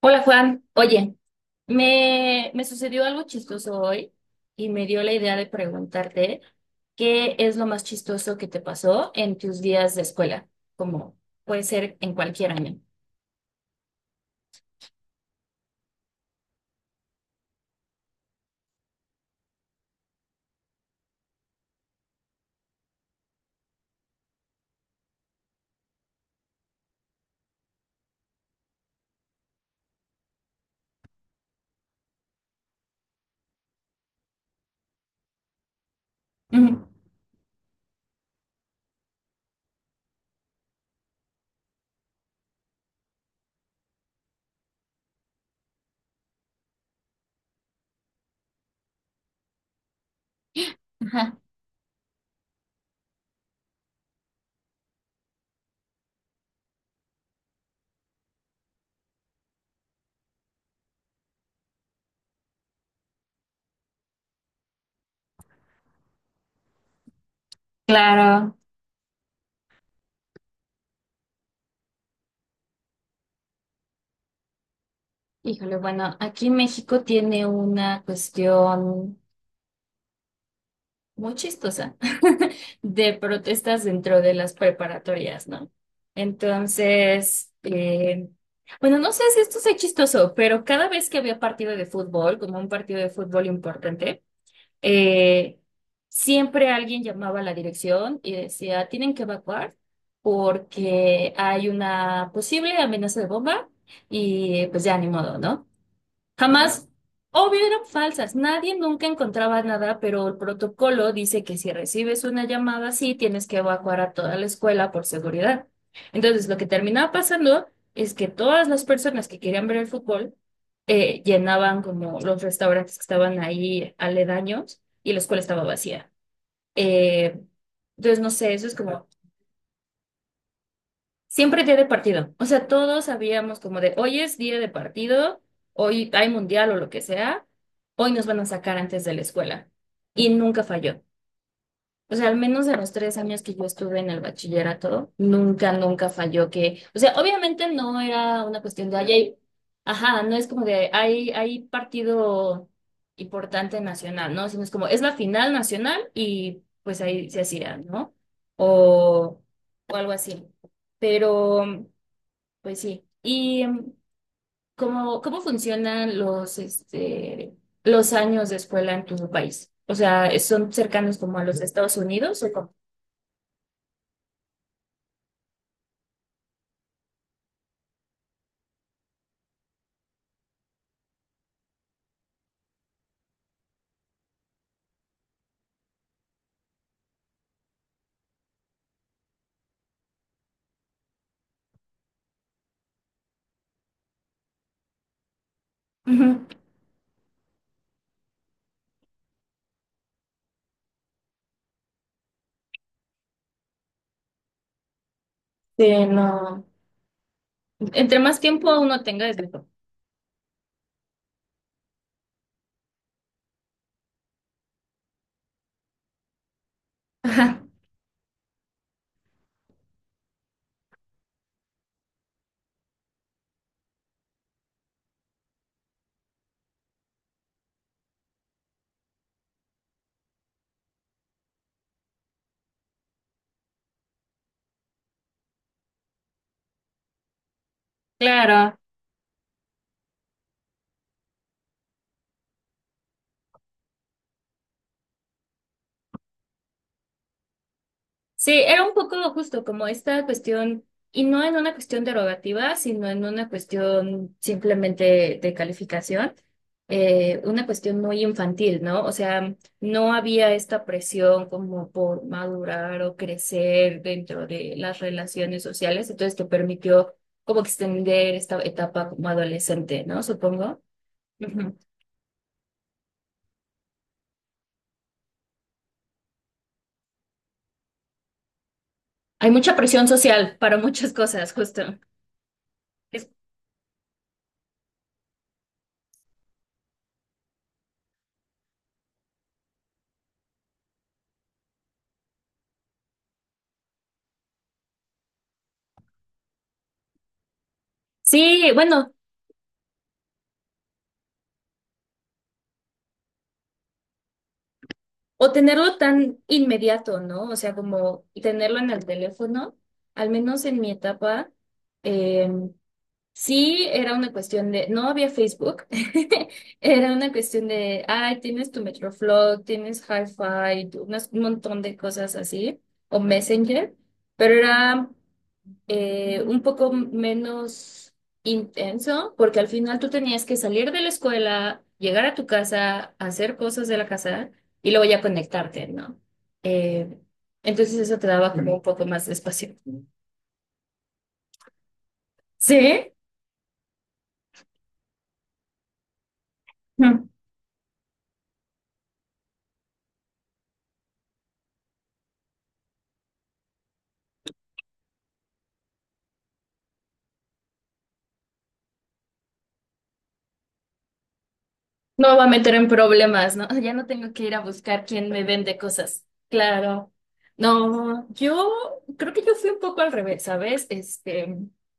Hola Juan, oye, me sucedió algo chistoso hoy y me dio la idea de preguntarte qué es lo más chistoso que te pasó en tus días de escuela, como puede ser en cualquier año. Ujú. Ajá. Claro. Híjole, bueno, aquí México tiene una cuestión muy chistosa de protestas dentro de las preparatorias, ¿no? Entonces, bueno, no sé si esto sea chistoso, pero cada vez que había partido de fútbol, como un partido de fútbol importante, eh, siempre alguien llamaba a la dirección y decía, tienen que evacuar porque hay una posible amenaza de bomba y pues ya ni modo, ¿no? Jamás, obvio, eran falsas. Nadie nunca encontraba nada, pero el protocolo dice que si recibes una llamada así, tienes que evacuar a toda la escuela por seguridad. Entonces, lo que terminaba pasando es que todas las personas que querían ver el fútbol llenaban como los restaurantes que estaban ahí aledaños y la escuela estaba vacía. Eh, entonces, no sé, eso es como... Siempre día de partido. O sea, todos sabíamos como de hoy es día de partido, hoy hay mundial o lo que sea, hoy nos van a sacar antes de la escuela. Y nunca falló. O sea, al menos de los 3 años que yo estuve en el bachillerato, nunca, nunca falló que, o sea, obviamente no era una cuestión de, ay, ay, ajá, no es como de, hay partido importante nacional, ¿no? Sino es como, es la final nacional y pues ahí se hacía, ¿no? O, o algo así. Pero. Pues sí. ¿Y cómo funcionan los, este, los años de escuela en tu país? O sea, ¿son cercanos como a los de Estados Unidos o cómo? Ujú. Sí, no. Entre más tiempo uno tenga, es mejor. Ajá. Claro, sí, era un poco justo como esta cuestión, y no en una cuestión derogativa, sino en una cuestión simplemente de calificación, una cuestión muy infantil, ¿no? O sea, no había esta presión como por madurar o crecer dentro de las relaciones sociales, entonces te permitió como extender esta etapa como adolescente, ¿no? Supongo. Ujú. Hay mucha presión social para muchas cosas, justo. Es- Sí, bueno. O tenerlo tan inmediato, ¿no? O sea, como tenerlo en el teléfono, al menos en mi etapa, eh, sí era una cuestión de, no había Facebook, era una cuestión de, ay, tienes tu Metroflog, tienes hi unas, un montón de cosas así, o Messenger, pero era un poco menos intenso, porque al final tú tenías que salir de la escuela, llegar a tu casa, hacer cosas de la casa y luego ya conectarte, ¿no? Eh, entonces eso te daba como un poco más de espacio. ¿Sí? No me va a meter en problemas, ¿no? Ya no tengo que ir a buscar quién me vende cosas. Claro. No, yo creo que yo fui un poco al revés, ¿sabes? Este,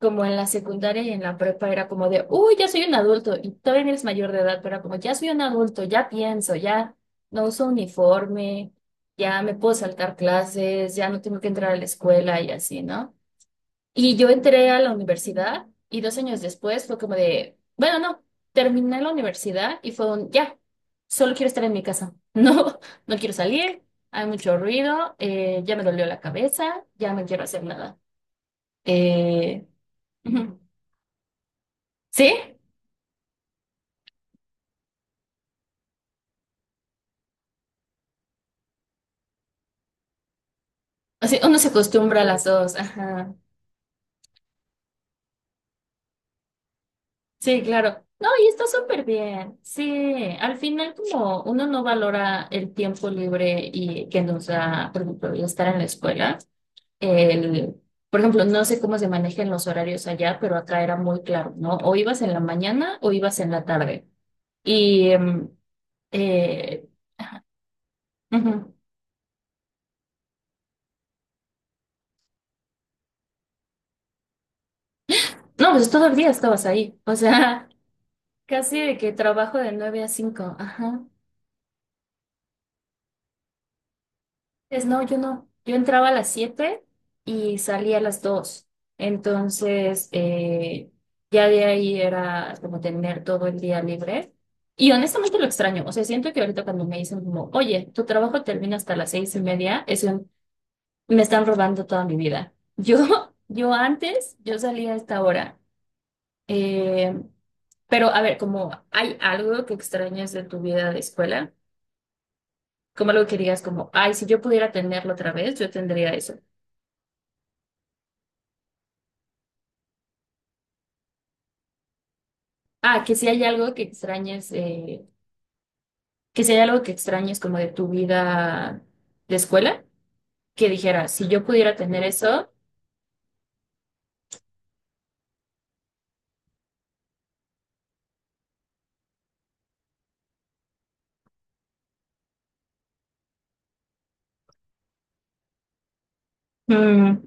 como en la secundaria y en la prepa era como de, uy, ya soy un adulto y todavía no eres mayor de edad, pero era como, ya soy un adulto, ya pienso, ya no uso uniforme, ya me puedo saltar clases, ya no tengo que entrar a la escuela y así, ¿no? Y yo entré a la universidad y 2 años después fue como de, bueno, no, terminé la universidad y fue un, ya, solo quiero estar en mi casa. No, no quiero salir, hay mucho ruido, ya me dolió la cabeza, ya no quiero hacer nada. Eh, Ujú. ¿Sí? Así, uno se acostumbra a las dos, ajá. Sí, claro. No, y está súper bien. Sí, al final como uno no valora el tiempo libre y que nos da, por ejemplo, el estar en la escuela. El, por ejemplo, no sé cómo se manejan los horarios allá, pero acá era muy claro, ¿no? O ibas en la mañana o ibas en la tarde. Y, eh, ujú. No, pues todo el día estabas ahí, o sea, casi de que trabajo de 9 a 5, ajá. Pues no, yo no. Yo entraba a las 7 y salía a las 2. Entonces, ya de ahí era como tener todo el día libre. Y honestamente lo extraño. O sea, siento que ahorita cuando me dicen como, oye, tu trabajo termina hasta las 6:30, es un, me están robando toda mi vida. Yo, yo antes, yo salía a esta hora. Eh, pero a ver, como hay algo que extrañas de tu vida de escuela, como algo que digas como, ay, si yo pudiera tenerlo otra vez, yo tendría eso. Ah, que si hay algo que extrañes, que si hay algo que extrañes como de tu vida de escuela, que dijeras, si yo pudiera tener eso, mm,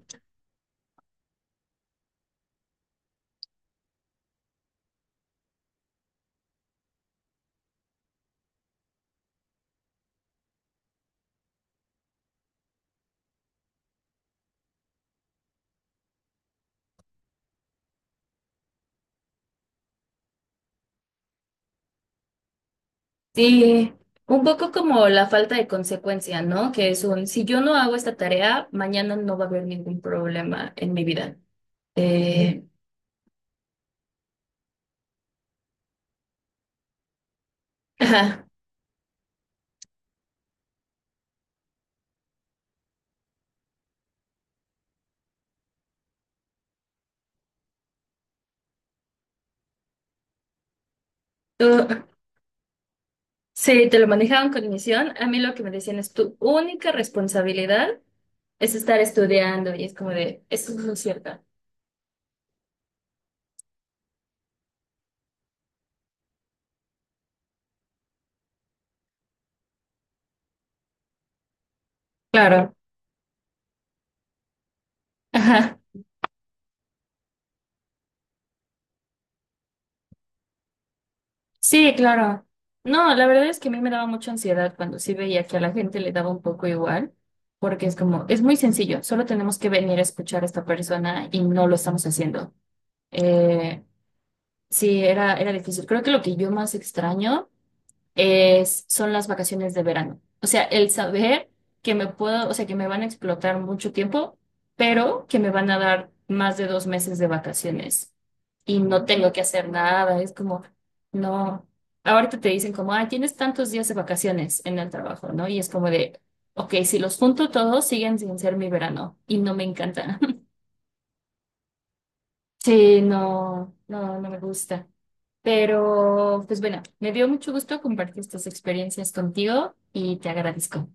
sí, un poco como la falta de consecuencia, ¿no? Que es un, si yo no hago esta tarea, mañana no va a haber ningún problema en mi vida. Eh, ajá, tú- sí, te lo manejaban con misión. A mí lo que me decían es, tu única responsabilidad es estar estudiando y es como de, eso no es lo cierto. Claro. Ajá. Sí, claro. No, la verdad es que a mí me daba mucha ansiedad cuando sí veía que a la gente le daba un poco igual, porque es como, es muy sencillo, solo tenemos que venir a escuchar a esta persona y no lo estamos haciendo. Eh, sí, era, era difícil. Creo que lo que yo más extraño son las vacaciones de verano. O sea, el saber que me puedo, o sea, que me van a explotar mucho tiempo, pero que me van a dar más de 2 meses de vacaciones y no tengo que hacer nada. Es como, no. Ahorita te dicen como, ah, tienes tantos días de vacaciones en el trabajo, ¿no? Y es como de, ok, si los junto todos, siguen sin ser mi verano y no me encanta. Sí, no, no, no me gusta. Pero, pues bueno, me dio mucho gusto compartir estas experiencias contigo y te agradezco.